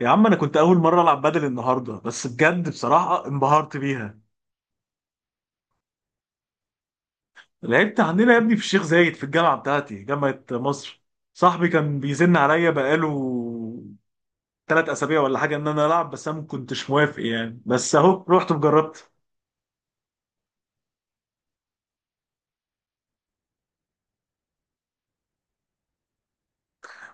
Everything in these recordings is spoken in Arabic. يا عم انا كنت اول مره العب بدل النهارده، بس بجد بصراحه انبهرت بيها. لعبت عندنا يا ابني في الشيخ زايد، في الجامعه بتاعتي، جامعه مصر. صاحبي كان بيزن عليا بقاله 3 اسابيع ولا حاجه ان انا العب، بس انا ما كنتش موافق يعني، بس اهو رحت وجربت.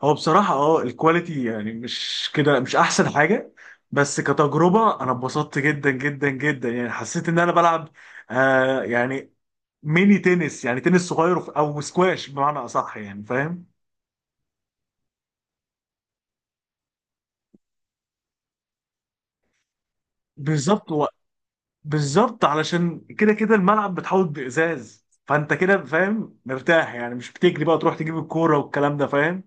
هو بصراحه الكواليتي يعني مش كده، مش احسن حاجه. بس كتجربه انا اتبسطت جدا جدا جدا، يعني حسيت ان انا بلعب يعني ميني تنس، يعني تنس صغير او سكواش بمعنى اصح، يعني فاهم. بالظبط بالظبط، علشان كده كده الملعب بتحوط بإزاز، فانت كده فاهم، مرتاح يعني، مش بتجري بقى تروح تجيب الكورة والكلام ده، فاهم؟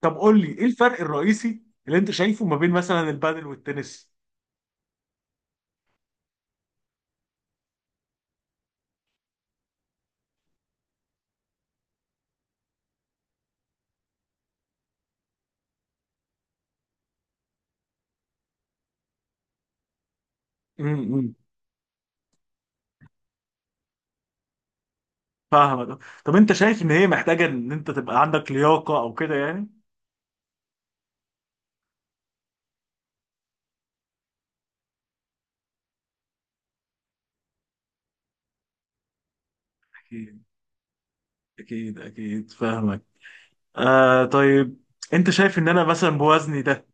طب قول لي، ايه الفرق الرئيسي اللي انت شايفه ما بين مثلا البادل والتنس؟ امم، فاهمك. طب انت شايف ان هي محتاجة ان انت تبقى عندك لياقة او كده يعني؟ اكيد، اكيد اكيد، فاهمك. آه طيب، انت شايف ان انا مثلا بوزني ده،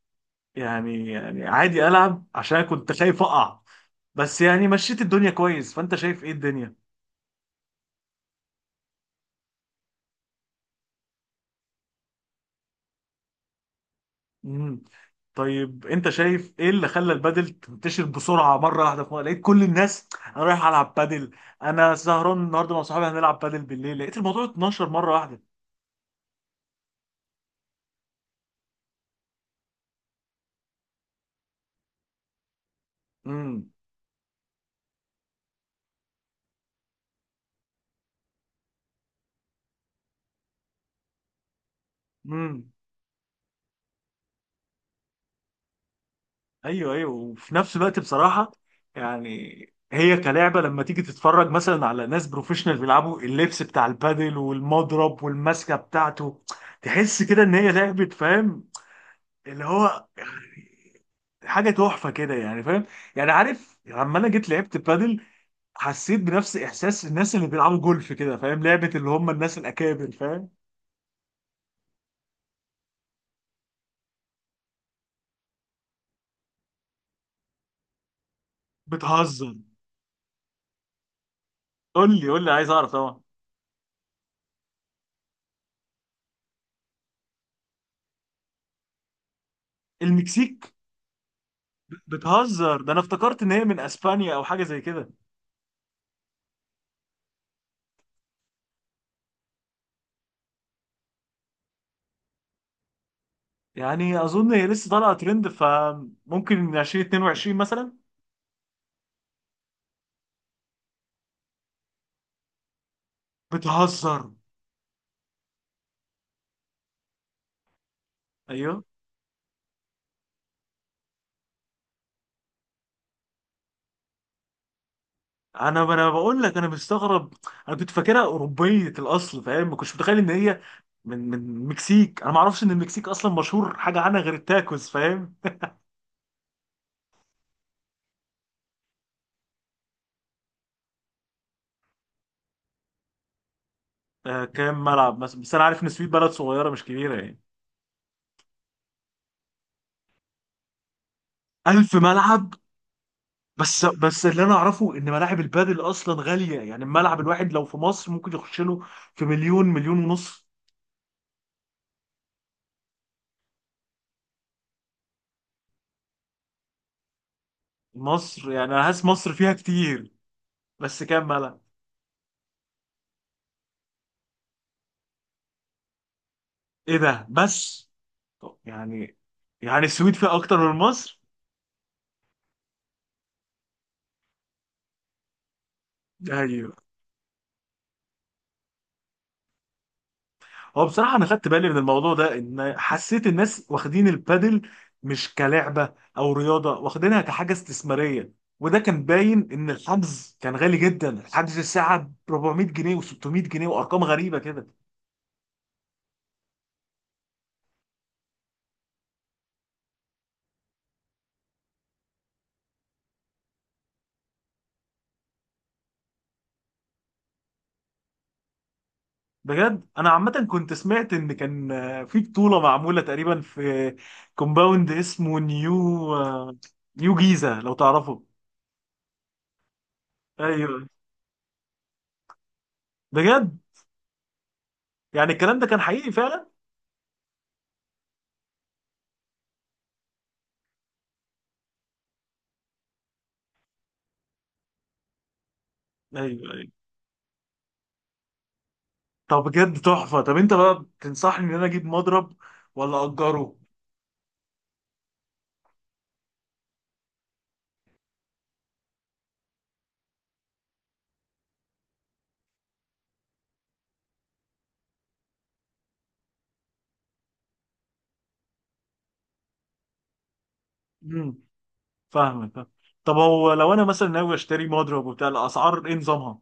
يعني يعني عادي العب؟ عشان كنت خايف اقع، بس يعني مشيت الدنيا كويس، فانت شايف ايه الدنيا؟ مم. طيب انت شايف ايه اللي خلى البادل تنتشر بسرعه مره واحده؟ في مرة لقيت كل الناس: انا رايح العب بادل، انا سهران النهارده مع صحابي هنلعب بادل بالليل. لقيت الموضوع اتنشر مره واحده. امم. ايوه ايوه، وفي نفس الوقت بصراحه يعني، هي كلعبه لما تيجي تتفرج مثلا على ناس بروفيشنال بيلعبوا، اللبس بتاع البادل والمضرب والماسكه بتاعته، تحس كده ان هي لعبه، فاهم؟ اللي هو حاجه تحفه كده، يعني فاهم. يعني عارف لما انا جيت لعبت بادل، حسيت بنفس احساس الناس اللي بيلعبوا جولف كده، فاهم؟ لعبه اللي هم الناس الاكابر، فاهم؟ بتهزر؟ قول لي قول لي، عايز اعرف طبعا. المكسيك؟ بتهزر، ده انا افتكرت ان هي من اسبانيا او حاجه زي كده. يعني اظن هي لسه طالعه ترند، فممكن 2022 مثلا. بتهزر. ايوه، انا بقول لك انا مستغرب، انا كنت فاكرها اوروبيه الاصل فاهم، ما كنتش متخيل ان هي من المكسيك. انا ما اعرفش ان المكسيك اصلا مشهور حاجه عنها غير التاكوز، فاهم. آه، كام ملعب مثلا؟ بس انا عارف ان السويد بلد صغيره مش كبيره يعني. 1000 ملعب؟ بس اللي انا اعرفه ان ملاعب البادل اصلا غاليه يعني، الملعب الواحد لو في مصر ممكن يخش له في مليون، مليون ونص. مصر يعني انا حاسس مصر فيها كتير، بس كام بلد؟ ايه ده بس؟ طب يعني، يعني السويد فيها اكتر من مصر. ايوه. هو بصراحه انا خدت بالي من الموضوع ده، ان حسيت الناس واخدين البادل مش كلعبه او رياضه، واخدينها كحاجه استثماريه. وده كان باين ان الحجز كان غالي جدا، الحجز الساعه ب 400 جنيه و600 جنيه وارقام غريبه كده. بجد. انا عامه كنت سمعت ان كان في بطوله معموله تقريبا في كومباوند اسمه نيو جيزه، لو تعرفه. ايوه. بجد؟ يعني الكلام ده كان حقيقي فعلا. ايوه ايوه. طب بجد تحفه. طب انت بقى تنصحني ان انا اجيب مضرب ولا اجره؟ امم، فاهمك فاهم. طب هو لو انا مثلا ناوي اشتري مضرب وبتاع، الاسعار ايه نظامها؟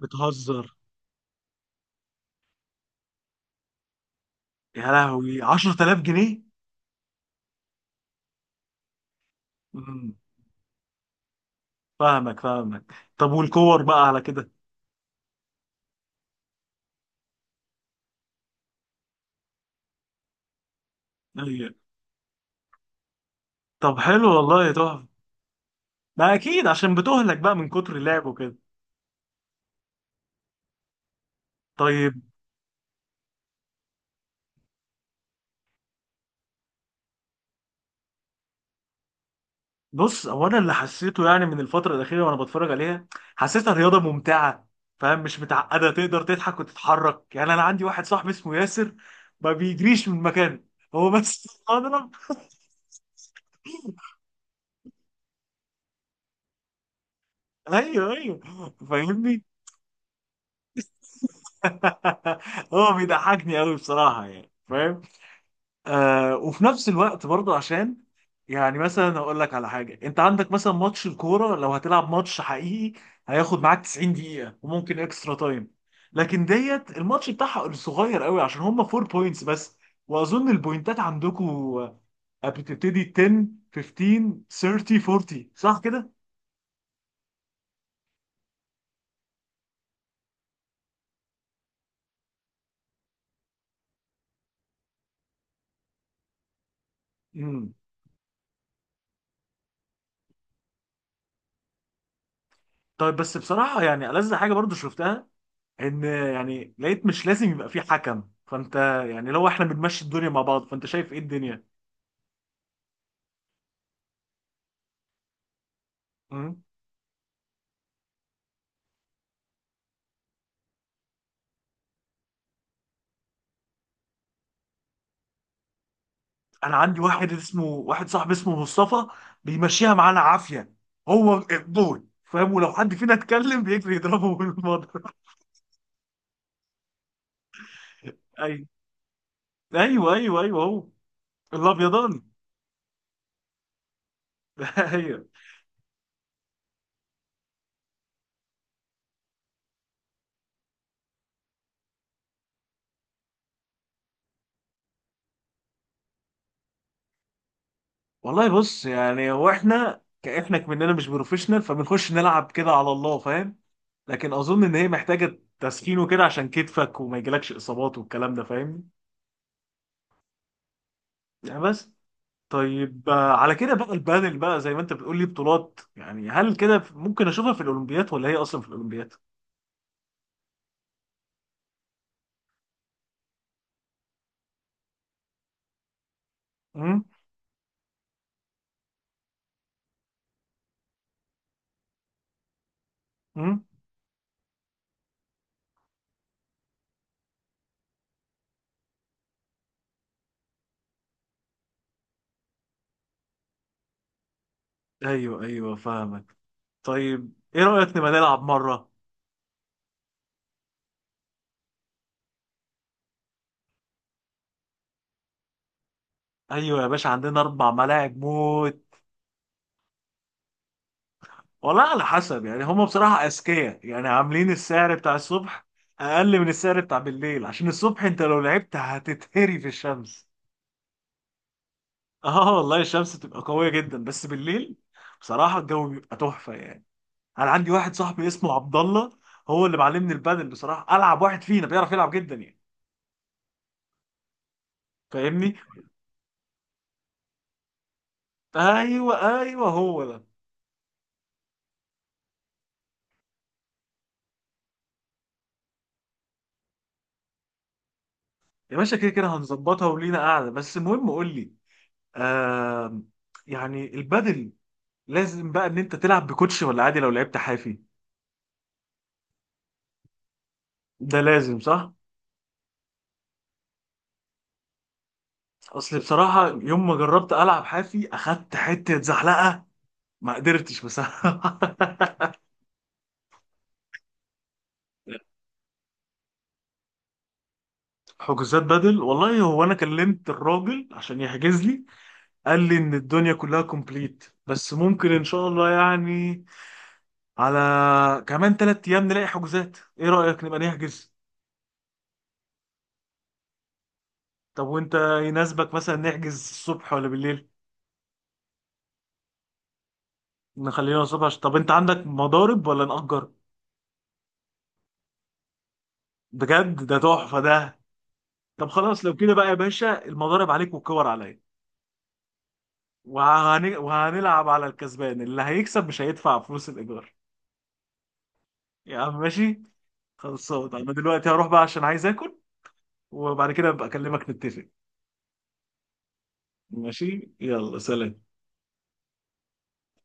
بتهزر. يا لهوي، 10,000 جنيه! امم، فاهمك فاهمك. طب والكور بقى على كده؟ أيوه. طب حلو والله، تحفة. ما اكيد، عشان بتهلك بقى من كتر اللعب وكده. طيب بص، هو انا اللي حسيته يعني من الفترة الأخيرة وانا بتفرج عليها، حسيتها رياضة ممتعة، فاهم؟ مش متعقدة، تقدر تضحك وتتحرك. يعني انا عندي واحد صاحبي اسمه ياسر، ما بيجريش من مكانه، هو بس اضرب. ايوه ايوه، فاهمني. هو بيضحكني قوي بصراحة، يعني فاهم. وفي نفس الوقت برضه، عشان يعني مثلا هقول لك على حاجه: انت عندك مثلا ماتش الكوره، لو هتلعب ماتش حقيقي هياخد معاك 90 دقيقه وممكن اكسترا تايم. لكن ديت الماتش بتاعها صغير قوي، عشان هم 4 بوينتس بس. واظن البوينتات عندكم بتبتدي 10، 15، 30، 40، صح كده؟ امم. طيب بس بصراحه يعني، ألذ حاجه برضو شفتها، ان يعني لقيت مش لازم يبقى في حكم، فانت يعني لو احنا بنمشي الدنيا مع بعض، فانت شايف ايه الدنيا؟ مم. انا عندي واحد صاحبي اسمه مصطفى، بيمشيها معانا عافيه، هو الجول فاهم، ولو حد فينا اتكلم بيجري يضربه بالمضرب. ايوه، ايوه ايوه ايوه، هو الابيضاني. ايوه والله. بص يعني، هو احنا كاحنا مننا مش بروفيشنال، فبنخش نلعب كده على الله فاهم. لكن اظن ان هي محتاجه تسخين وكده، عشان كتفك وما يجيلكش اصابات والكلام ده، فاهمني. يعني بس. طيب على كده بقى البادل، بقى زي ما انت بتقول لي بطولات يعني، هل كده ممكن اشوفها في الاولمبياد ولا هي اصلا في الاولمبياد؟ امم. امم. ايوه ايوه، فاهمك. طيب ايه رايك نبقى نلعب مره؟ ايوه يا باشا، عندنا اربع ملاعب موت. والله، على حسب يعني، هم بصراحه اذكياء يعني، عاملين السعر بتاع الصبح اقل من السعر بتاع بالليل، عشان الصبح انت لو لعبت هتتهري في الشمس. اه والله، الشمس تبقى قويه جدا، بس بالليل بصراحه الجو بيبقى تحفه يعني. انا عندي واحد صاحبي اسمه عبد الله، هو اللي معلمني البادل بصراحه، العب واحد فينا بيعرف يلعب جدا يعني، فاهمني. ايوه ايوه، هو ده. يا باشا كده كده هنظبطها ولينا قاعده، بس المهم قول لي، آه يعني البادل لازم بقى ان انت تلعب بكوتش ولا عادي لو لعبت حافي؟ ده لازم صح؟ اصل بصراحه يوم ما جربت العب حافي، اخدت حته زحلقه، ما قدرتش بصراحه حجوزات بدل والله. هو انا كلمت الراجل عشان يحجز لي، قال لي ان الدنيا كلها كومبليت، بس ممكن ان شاء الله يعني على كمان 3 ايام نلاقي حجوزات. ايه رأيك نبقى نحجز؟ طب وانت يناسبك مثلا نحجز الصبح ولا بالليل؟ نخلينا الصبح عشان. طب انت عندك مضارب ولا نأجر؟ بجد؟ ده تحفة ده. طب خلاص لو كده بقى يا باشا، المضارب عليك والكور عليا. وهنلعب على الكسبان، اللي هيكسب مش هيدفع فلوس الإيجار. يا عم ماشي. خلصان، انا دلوقتي هروح بقى عشان عايز اكل، وبعد كده ابقى اكلمك نتفق. ماشي، يلا سلام.